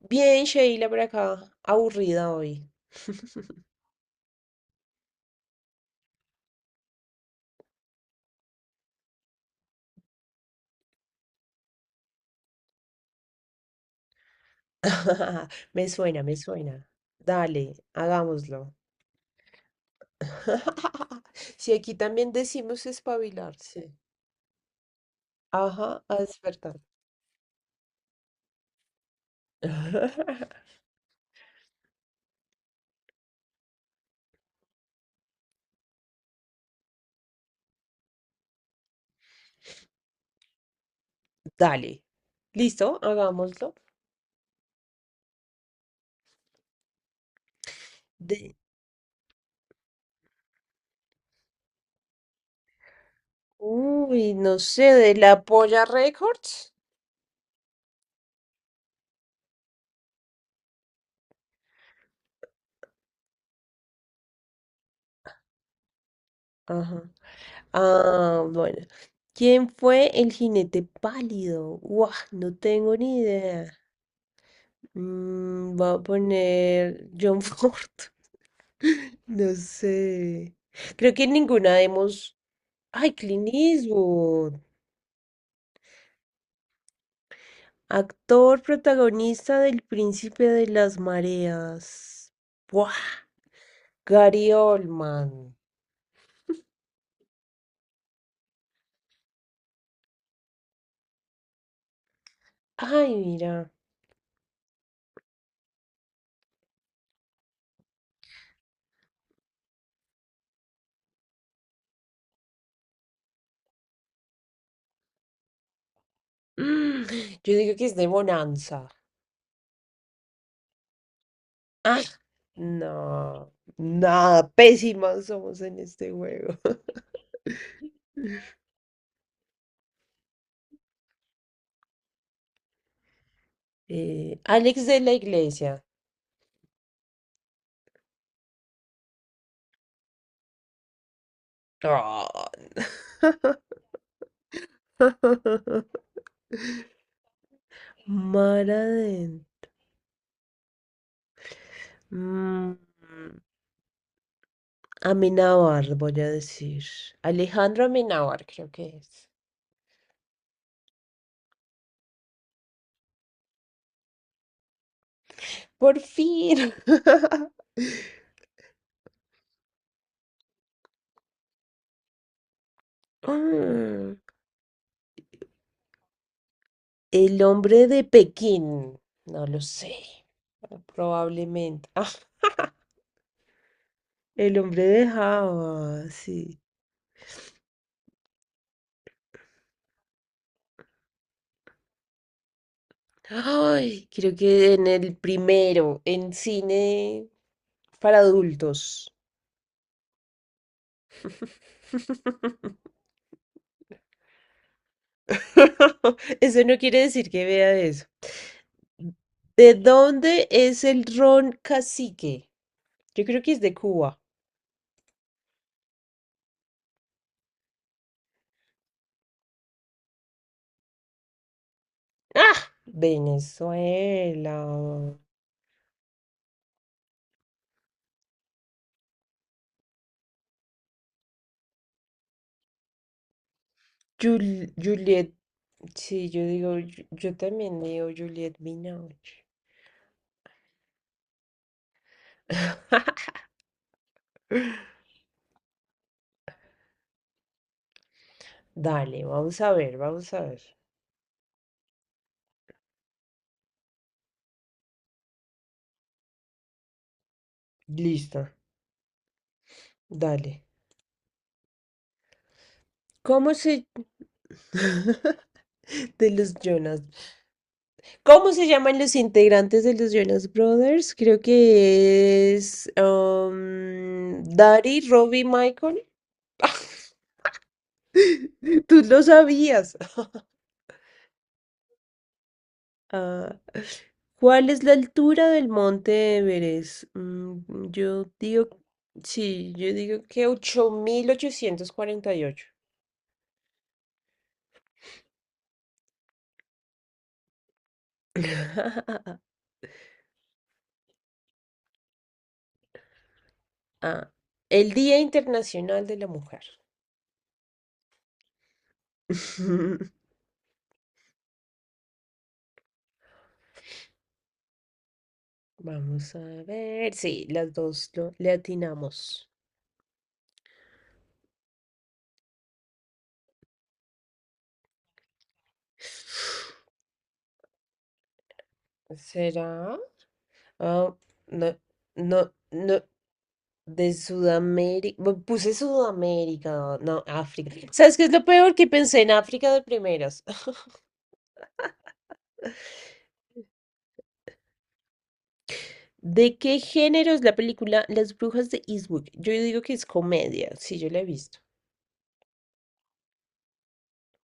Bien, Sheila, por acá. Aburrida hoy. Me suena. Dale, hagámoslo. Si aquí también decimos espabilarse. Ajá, a despertar. Dale. ¿Listo? Hagámoslo. De... Uy, no sé, de la Polla Records. Ajá. Ah, bueno. ¿Quién fue el jinete pálido? Guau, no tengo ni idea. Mm, voy a poner John Ford. No sé. Creo que ninguna hemos. Ay, Clint Eastwood. Actor protagonista del Príncipe de las Mareas. Buah. Gary Oldman. Ay, mira. Mm, yo digo que es de Bonanza. Ah, no. Nada, pésimas somos en este juego. Alex de la Iglesia. Ah, Mara de... Mm, Amenábar, voy a decir. Alejandro Amenábar, creo que es. Por fin. Mm, el hombre de Pekín. No lo sé. Probablemente. Ah, el hombre de Java, sí. Ay, creo que en el primero, en cine para adultos. Eso no quiere decir que vea eso. ¿De dónde es el ron cacique? Yo creo que es de Cuba. ¡Ah! Venezuela. Juliet. Sí, yo digo, yo también digo Juliet Binoche. Dale, vamos a ver, vamos a ver. Listo, dale. ¿Cómo se... de los Jonas. ¿Cómo se llaman los integrantes de los Jonas Brothers? Creo que es Daddy, Robbie, Michael. Tú lo sabías. Ah, ¿cuál es la altura del monte Everest? Mm, yo digo, sí, yo digo que 8848. Ah, el Día Internacional de la Mujer. Vamos a ver. Sí, las dos lo, le atinamos. ¿Será? Ah, no, no, no, de Sudamérica. Puse Sudamérica, no, África. ¿Sabes qué es lo peor? Que pensé en África de primeras. ¿De qué género es la película Las Brujas de Eastwick? Yo digo que es comedia, sí, yo la he visto.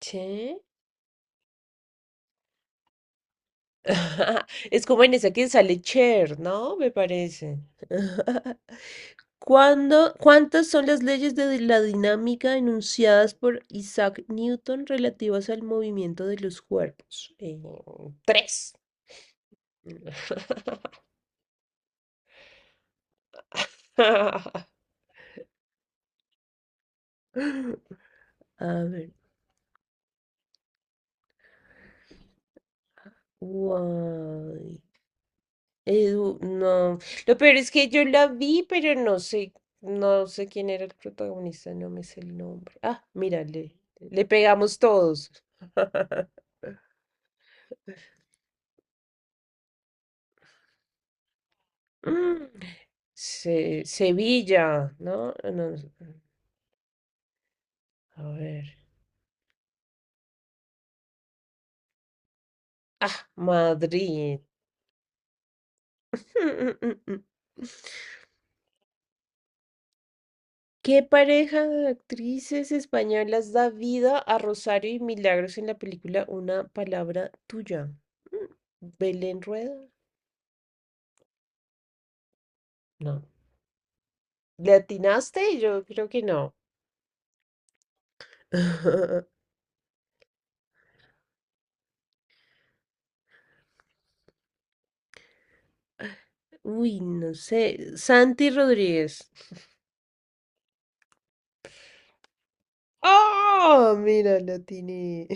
¿Sí? Es como en esa que sale Cher, ¿no? Me parece. ¿Cuántas son las leyes de la dinámica enunciadas por Isaac Newton relativas al movimiento de los cuerpos? Tres. A ver, guay. Edu, no. Lo peor es que yo la vi, pero no sé, no sé quién era el protagonista, no me sé el nombre. Ah, mírale, le pegamos todos. Mm, Sevilla, ¿no? No, no sé. A ver. Ah, Madrid. ¿Qué pareja de actrices españolas da vida a Rosario y Milagros en la película Una palabra tuya? Mm, ¿Belén Rueda? No. ¿Le atinaste? Yo creo que no. Uy, no sé. Santi Rodríguez. ¡Oh! Mira, la atiné.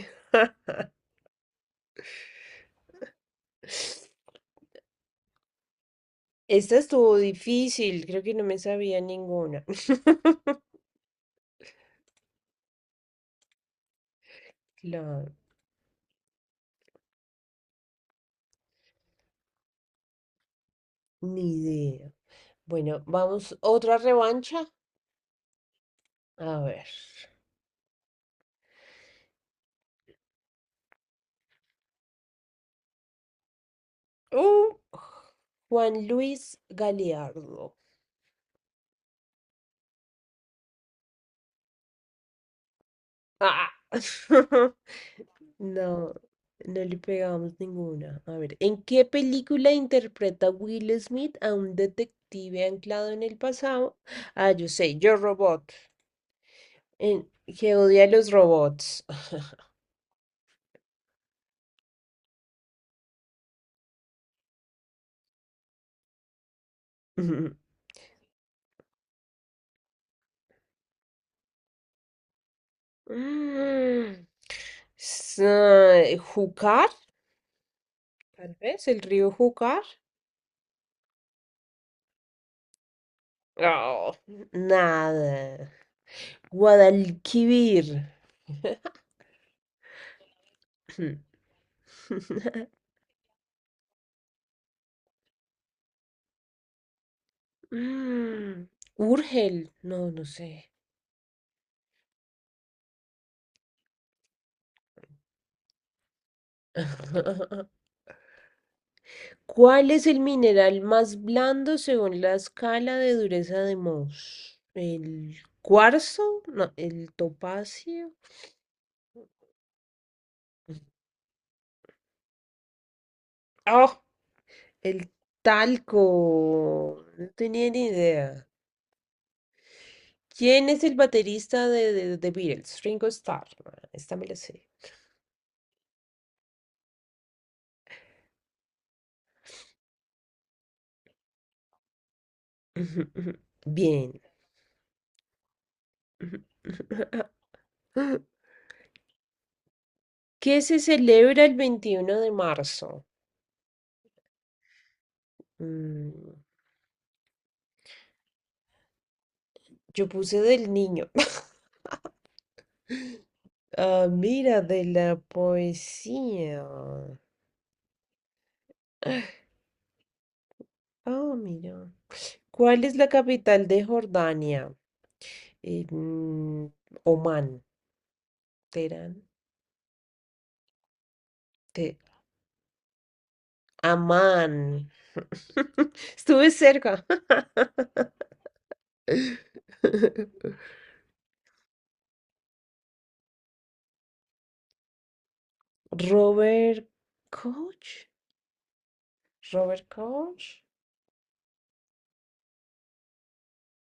Esta estuvo difícil, creo que no me sabía ninguna. Claro, ni idea. Bueno, vamos, otra revancha. A ver. Uh, Juan Luis Galeardo. Ah. No, no le pegamos ninguna. A ver, ¿en qué película interpreta Will Smith a un detective anclado en el pasado? Ah, yo sé, Yo Robot, en, que odia a los robots. Mm, Júcar, tal vez, el río Júcar. Oh, nada. Guadalquivir. Hmm. Mm, Urgel, no, no sé. ¿Cuál es el mineral más blando según la escala de dureza de Mohs? ¿El cuarzo? No, ¿el topacio? Oh, el talco. No tenía ni idea. ¿Quién es el baterista de Beatles? Ringo Starr. Ah, esta me la sé. Ujú, ujú. Bien. Ujú, ujú. ¿Qué se celebra el 21 de marzo? Mm, yo puse del niño. Ah, mira, de la poesía. Ah, ah, mira. ¿Cuál es la capital de Jordania? Eh, mm, Omán, Teherán, Te- Amán. Estuve cerca. Robert Koch. Robert Koch.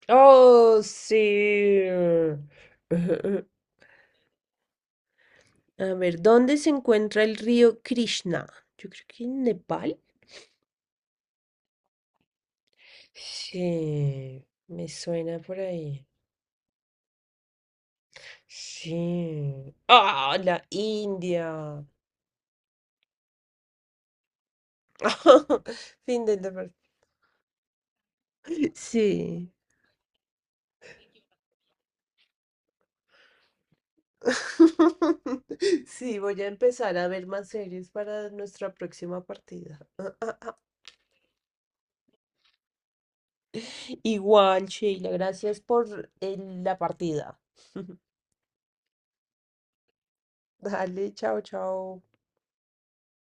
Oh, sí. A ver, ¿dónde se encuentra el río Krishna? Yo creo que en Nepal. Sí, me suena por ahí. Sí. ¡Ah, la India! Fin del deporte. Sí. Sí, voy a empezar a ver más series para nuestra próxima partida. Igual, Sheila, gracias por la partida. Dale, chao, chao.